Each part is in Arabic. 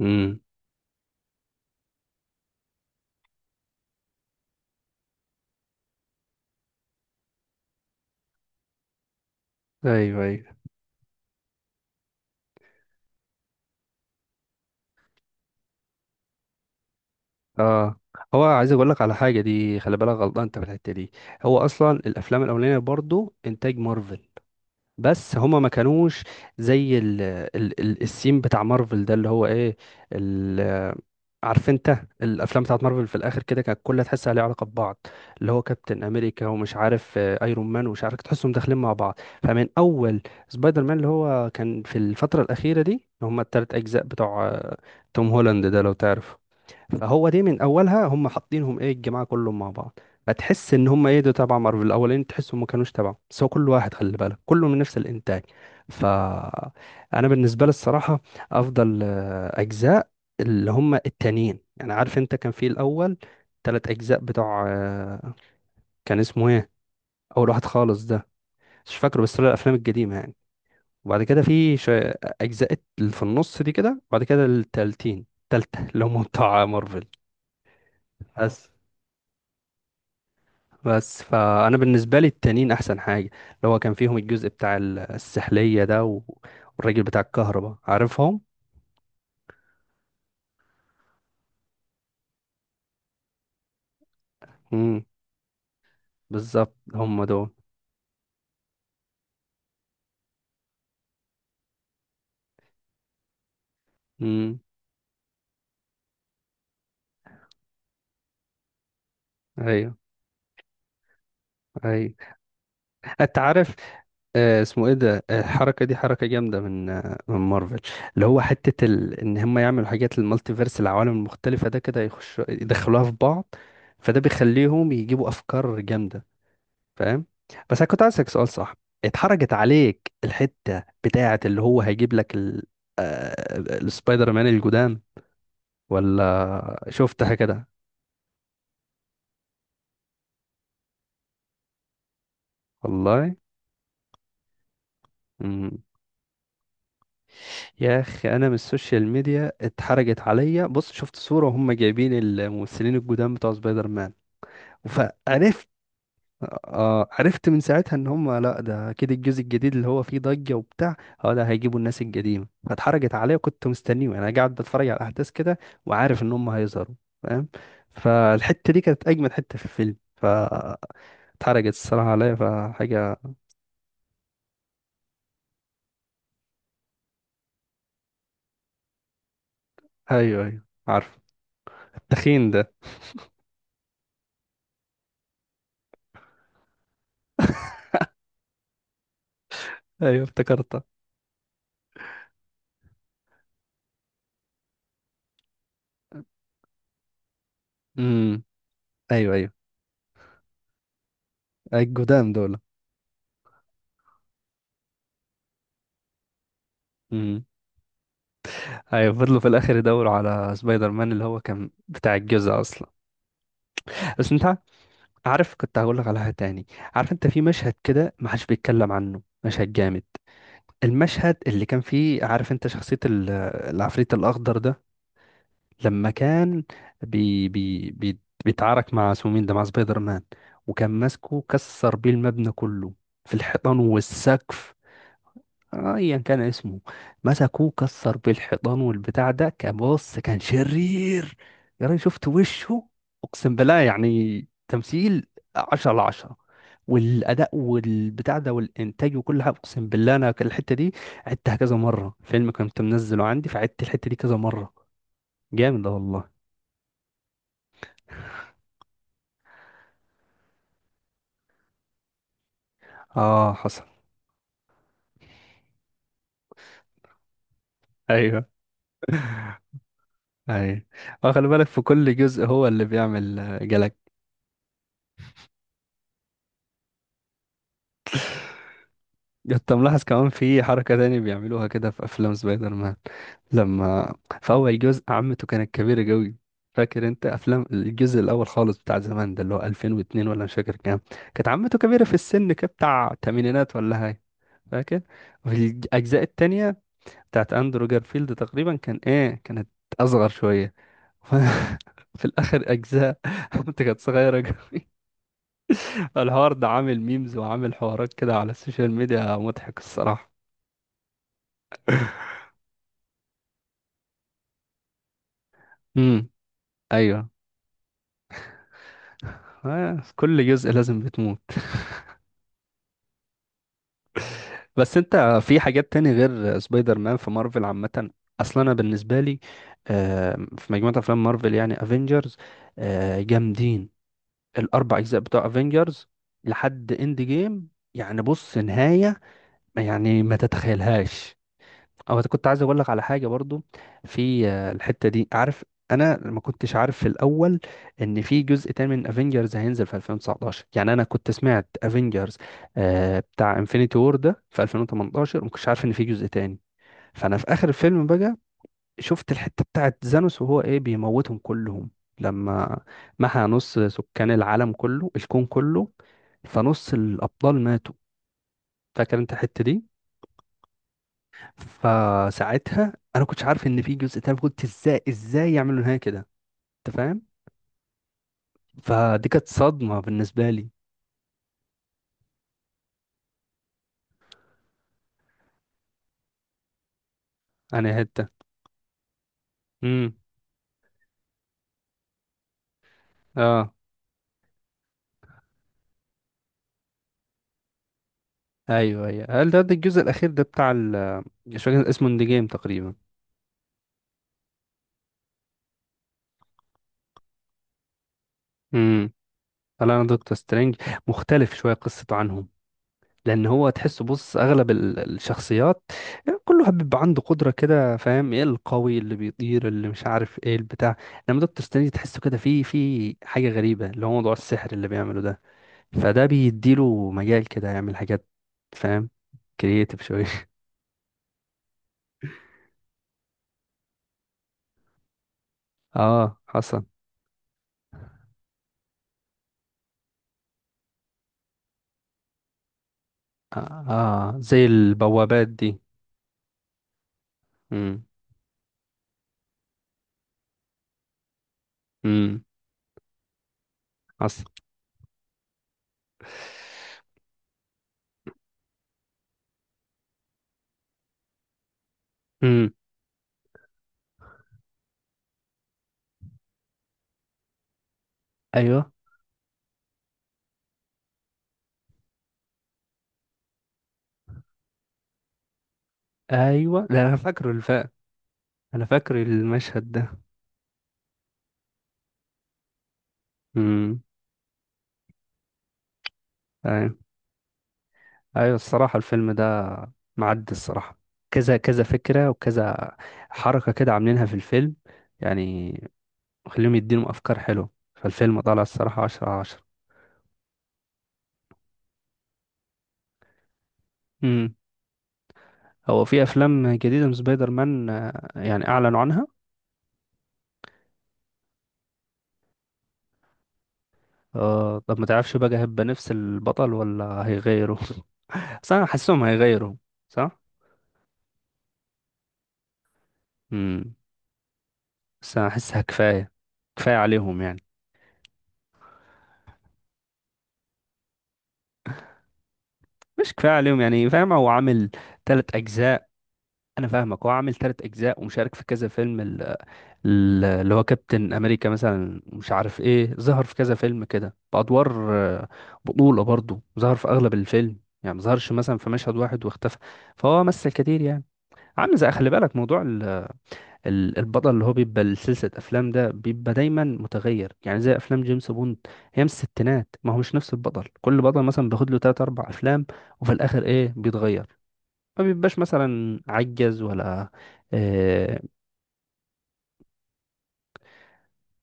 امم ايوه، ايوه، اه. هو عايز اقول لك على حاجه، دي خلي بالك غلطان انت في الحته دي. هو اصلا الافلام الاولانيه برضو انتاج مارفل، بس هما ما كانوش زي ال السين بتاع مارفل ده اللي هو ايه. ال عارف انت الافلام بتاعت مارفل في الاخر كده كانت كلها تحسها ليها علاقه ببعض، اللي هو كابتن امريكا ومش عارف ايرون مان ومش عارف، تحسهم داخلين مع بعض. فمن اول سبايدر مان اللي هو كان في الفتره الاخيره دي، اللي هما التلات اجزاء بتوع توم هولاند ده لو تعرف. فهو دي من اولها هم حاطينهم ايه الجماعه كلهم مع بعض، هتحس ان هم ايه ده تبع مارفل الاولين، تحسهم ما كانوش تبعه، بس هو كل واحد خلي بالك كله من نفس الانتاج. ف انا بالنسبه لي الصراحه افضل اجزاء اللي هم التانيين، يعني عارف انت كان في الاول تلات اجزاء بتوع كان اسمه ايه اول واحد خالص ده، مش فاكره، بس طلع الافلام القديمه يعني. وبعد كده في شوية اجزاء اللي في النص دي كده. وبعد كده التالتة اللي هم بتوع مارفل. بس بس فانا بالنسبه لي التانيين احسن حاجه، اللي هو كان فيهم الجزء بتاع السحليه ده و... والراجل بتاع الكهرباء، عارفهم. امم، بالظبط هم دول. امم، ايوه، ايوه، انت عارف اسمه ايه ده، الحركه دي حركه جامده من مارفل، اللي هو حته ان هم يعملوا حاجات المالتي فيرس، العوالم المختلفه ده كده يخشوا يدخلوها في بعض، فده بيخليهم يجيبوا افكار جامده، فاهم. بس انا كنت عايز اسالك سؤال، صح اتحرجت عليك الحته بتاعه، اللي هو هيجيب لك ال... آه، آه، السبايدر مان الجداد، ولا شفتها كده؟ والله. مم. يا اخي، انا من السوشيال ميديا اتحرجت عليا، بص شفت صوره وهم جايبين الممثلين الجداد بتوع سبايدر مان، فعرفت. اه عرفت من ساعتها ان هم، لا ده اكيد الجزء الجديد اللي هو فيه ضجة وبتاع، اه ده هيجيبوا الناس القديمة، فاتحرجت عليا وكنت مستنيه يعني، انا قاعد بتفرج على الاحداث كده وعارف ان هم هيظهروا، فاهم. فالحتة دي كانت اجمد حتة في الفيلم، فاتحرجت الصراحة عليا فحاجة. ايوه، ايوه، عارف التخين ده. ايوه افتكرتها. امم، ايوه، ايوه، الجدام دول. امم، ايوه فضلوا في الاخر يدوروا على سبايدر مان اللي هو كان بتاع الجزء اصلا. بس انت عارف، كنت هقول لك على حاجه تاني. عارف انت في مشهد كده ما حدش بيتكلم عنه، مشهد جامد، المشهد اللي كان فيه عارف انت شخصيه العفريت الاخضر ده لما كان بي بي بي بيتعارك مع اسمه مين ده، مع سبايدر مان، وكان ماسكه كسر بيه المبنى كله في الحيطان والسقف. ايا كان اسمه، مسكوه كسر بالحيطان والبتاع ده، كان بص كان شرير. يا راجل شفت وشه، اقسم بالله يعني تمثيل عشرة على عشرة، والاداء والبتاع ده والانتاج وكل حاجه. اقسم بالله انا الحته دي عدتها كذا مره، فيلم كنت منزله عندي فعدت الحته دي كذا مره، جامد ده والله. اه حصل. ايوه ايوه. خلي بالك في كل جزء هو اللي بيعمل جلاكسي. انت ملاحظ كمان في حركة تانية بيعملوها كده في أفلام سبايدر مان، لما في أول جزء عمته كانت كبيرة قوي، فاكر انت أفلام الجزء الأول خالص بتاع زمان ده اللي هو 2002 ولا مش فاكر كام. كانت عمته كبيرة في السن كده بتاع تمانينات ولا هاي، فاكر. وفي الأجزاء التانية بتاعت أندرو جارفيلد تقريبا كان ايه، كانت أصغر شوية. ف- في الآخر أجزاء عمته كانت صغيرة قوي. الحوار ده عامل ميمز وعامل حوارات كده على السوشيال ميديا، مضحك الصراحة. ايوه، كل جزء لازم بتموت. بس انت في حاجات تاني غير سبايدر مان في مارفل عامة، اصلا انا بالنسبة لي في مجموعة افلام مارفل يعني افنجرز، جامدين الاربع اجزاء بتوع افنجرز لحد اند جيم، يعني بص نهاية يعني ما تتخيلهاش. او كنت عايز اقول لك على حاجه برضو في الحته دي، عارف انا ما كنتش عارف في الاول ان في جزء تاني من افنجرز هينزل في 2019، يعني انا كنت سمعت افنجرز بتاع انفينيتي وور ده في 2018، وما كنتش عارف ان في جزء تاني. فانا في اخر الفيلم بقى شفت الحته بتاعت زانوس وهو ايه بيموتهم كلهم، لما محى نص سكان العالم كله، الكون كله، فنص الابطال ماتوا، فاكر انت الحته دي. فساعتها انا كنتش عارف ان في جزء تاني، قلت ازاي ازاي يعملوا نهايه كده، انت فاهم. فدي كانت صدمه بالنسبه لي. انا حته. امم، اه، ايوه، ايوه، هل ده، الجزء الاخير ده بتاع مش فاكر اسمه، اند جيم تقريبا. امم. هل انا دكتور سترينج مختلف شويه قصته عنهم؟ لان هو تحسه بص اغلب الشخصيات كله بيبقى عنده قدره كده، فاهم، ايه القوي اللي بيطير اللي مش عارف ايه البتاع، لما دكتور ستانلي تحسه كده في حاجه غريبه اللي هو موضوع السحر اللي بيعمله ده، فده بيديله مجال كده يعمل حاجات، فاهم، كرييتيف شويه. اه حصل. اه، زي البوابات دي. امم. امم. حصل. امم، ايوه، ايوه، لا انا فاكره الفا، انا فاكر المشهد ده. امم. ايوه. الصراحة الفيلم ده معدي الصراحة، كذا كذا فكرة وكذا حركة كده عاملينها في الفيلم يعني، خليهم يدينهم افكار حلوة، فالفيلم طالع الصراحة عشرة على عشرة. امم. هو في افلام جديدة من سبايدر مان يعني اعلنوا عنها. طب ما تعرفش بقى هيبقى نفس البطل ولا هيغيروا؟ بس انا حاسسهم هيغيروا. صح. امم. بس انا حاسسها كفاية، كفاية عليهم يعني. مش كفاية عليهم يعني، فاهم، هو عامل تلات اجزاء. انا فاهمك، هو عامل تلات اجزاء ومشارك في كذا فيلم، اللي هو كابتن امريكا مثلا مش عارف ايه، ظهر في كذا فيلم كده بادوار بطولة برضه، ظهر في اغلب الفيلم يعني، ما ظهرش مثلا في مشهد واحد واختفى، فهو مثل كتير يعني. عامل زي خلي بالك موضوع البطل اللي هو بيبقى لسلسلة افلام ده، بيبقى دايما متغير يعني زي افلام جيمس بوند، هي من الستينات، ما هو مش نفس البطل، كل بطل مثلا بياخد له تلات اربع افلام، وفي الاخر ايه بيتغير، ما بيبقاش مثلا عجز ولا آه،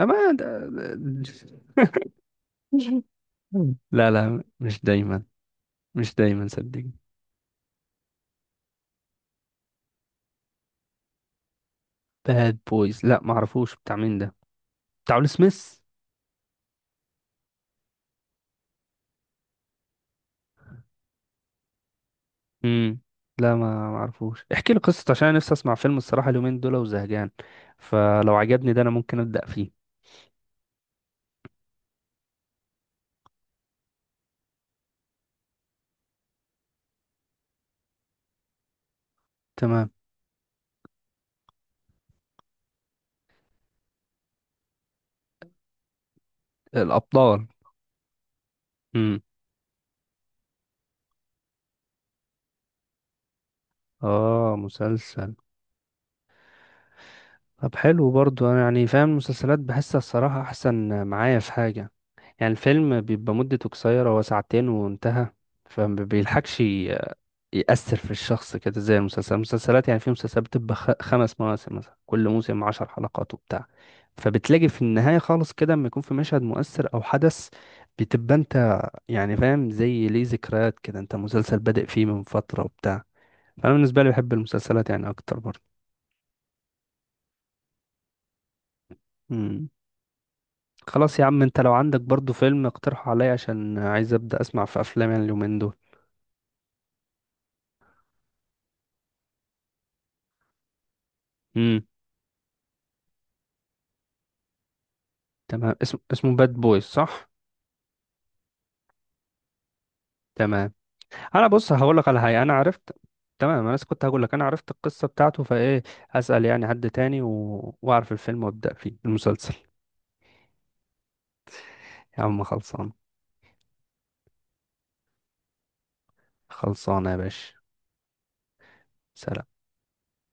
أما ده- لا، لا، مش دايما، مش دايما صدقني. باد بويز، لا ما اعرفوش بتاع مين ده، بتاع ويل سميث. امم. لا ما اعرفوش، احكي لي قصته عشان انا نفسي اسمع فيلم الصراحه اليومين دول وزهقان، فلو عجبني ده انا ممكن ابدا فيه. تمام، الابطال. امم، اه، مسلسل. طب حلو برضو، انا يعني فاهم المسلسلات بحسها الصراحه احسن معايا في حاجه، يعني الفيلم بيبقى مدته قصيرة، هو ساعتين وانتهى، فما بيلحقش يأثر في الشخص كده، زي المسلسلات، المسلسلات يعني في مسلسلات بتبقى خمس مواسم مثلا، كل موسم عشر حلقات وبتاع، فبتلاقي في النهاية خالص كده لما يكون في مشهد مؤثر أو حدث، بتبقى أنت يعني فاهم زي ليه ذكريات كده، أنت مسلسل بادئ فيه من فترة وبتاع، فأنا بالنسبة لي بحب المسلسلات يعني أكتر برضه. مم. خلاص يا عم، أنت لو عندك برضه فيلم اقترحه عليا عشان عايز أبدأ أسمع في أفلام يعني اليومين دول. تمام، اسمه باد بويز صح. تمام، انا بص هقول لك على حاجه، انا عرفت. تمام، انا لسه كنت هقول لك انا عرفت القصه بتاعته، فايه اسال يعني حد تاني واعرف الفيلم وابدا فيه المسلسل. يا عم خلصان. خلصانه يا باشا. سلام.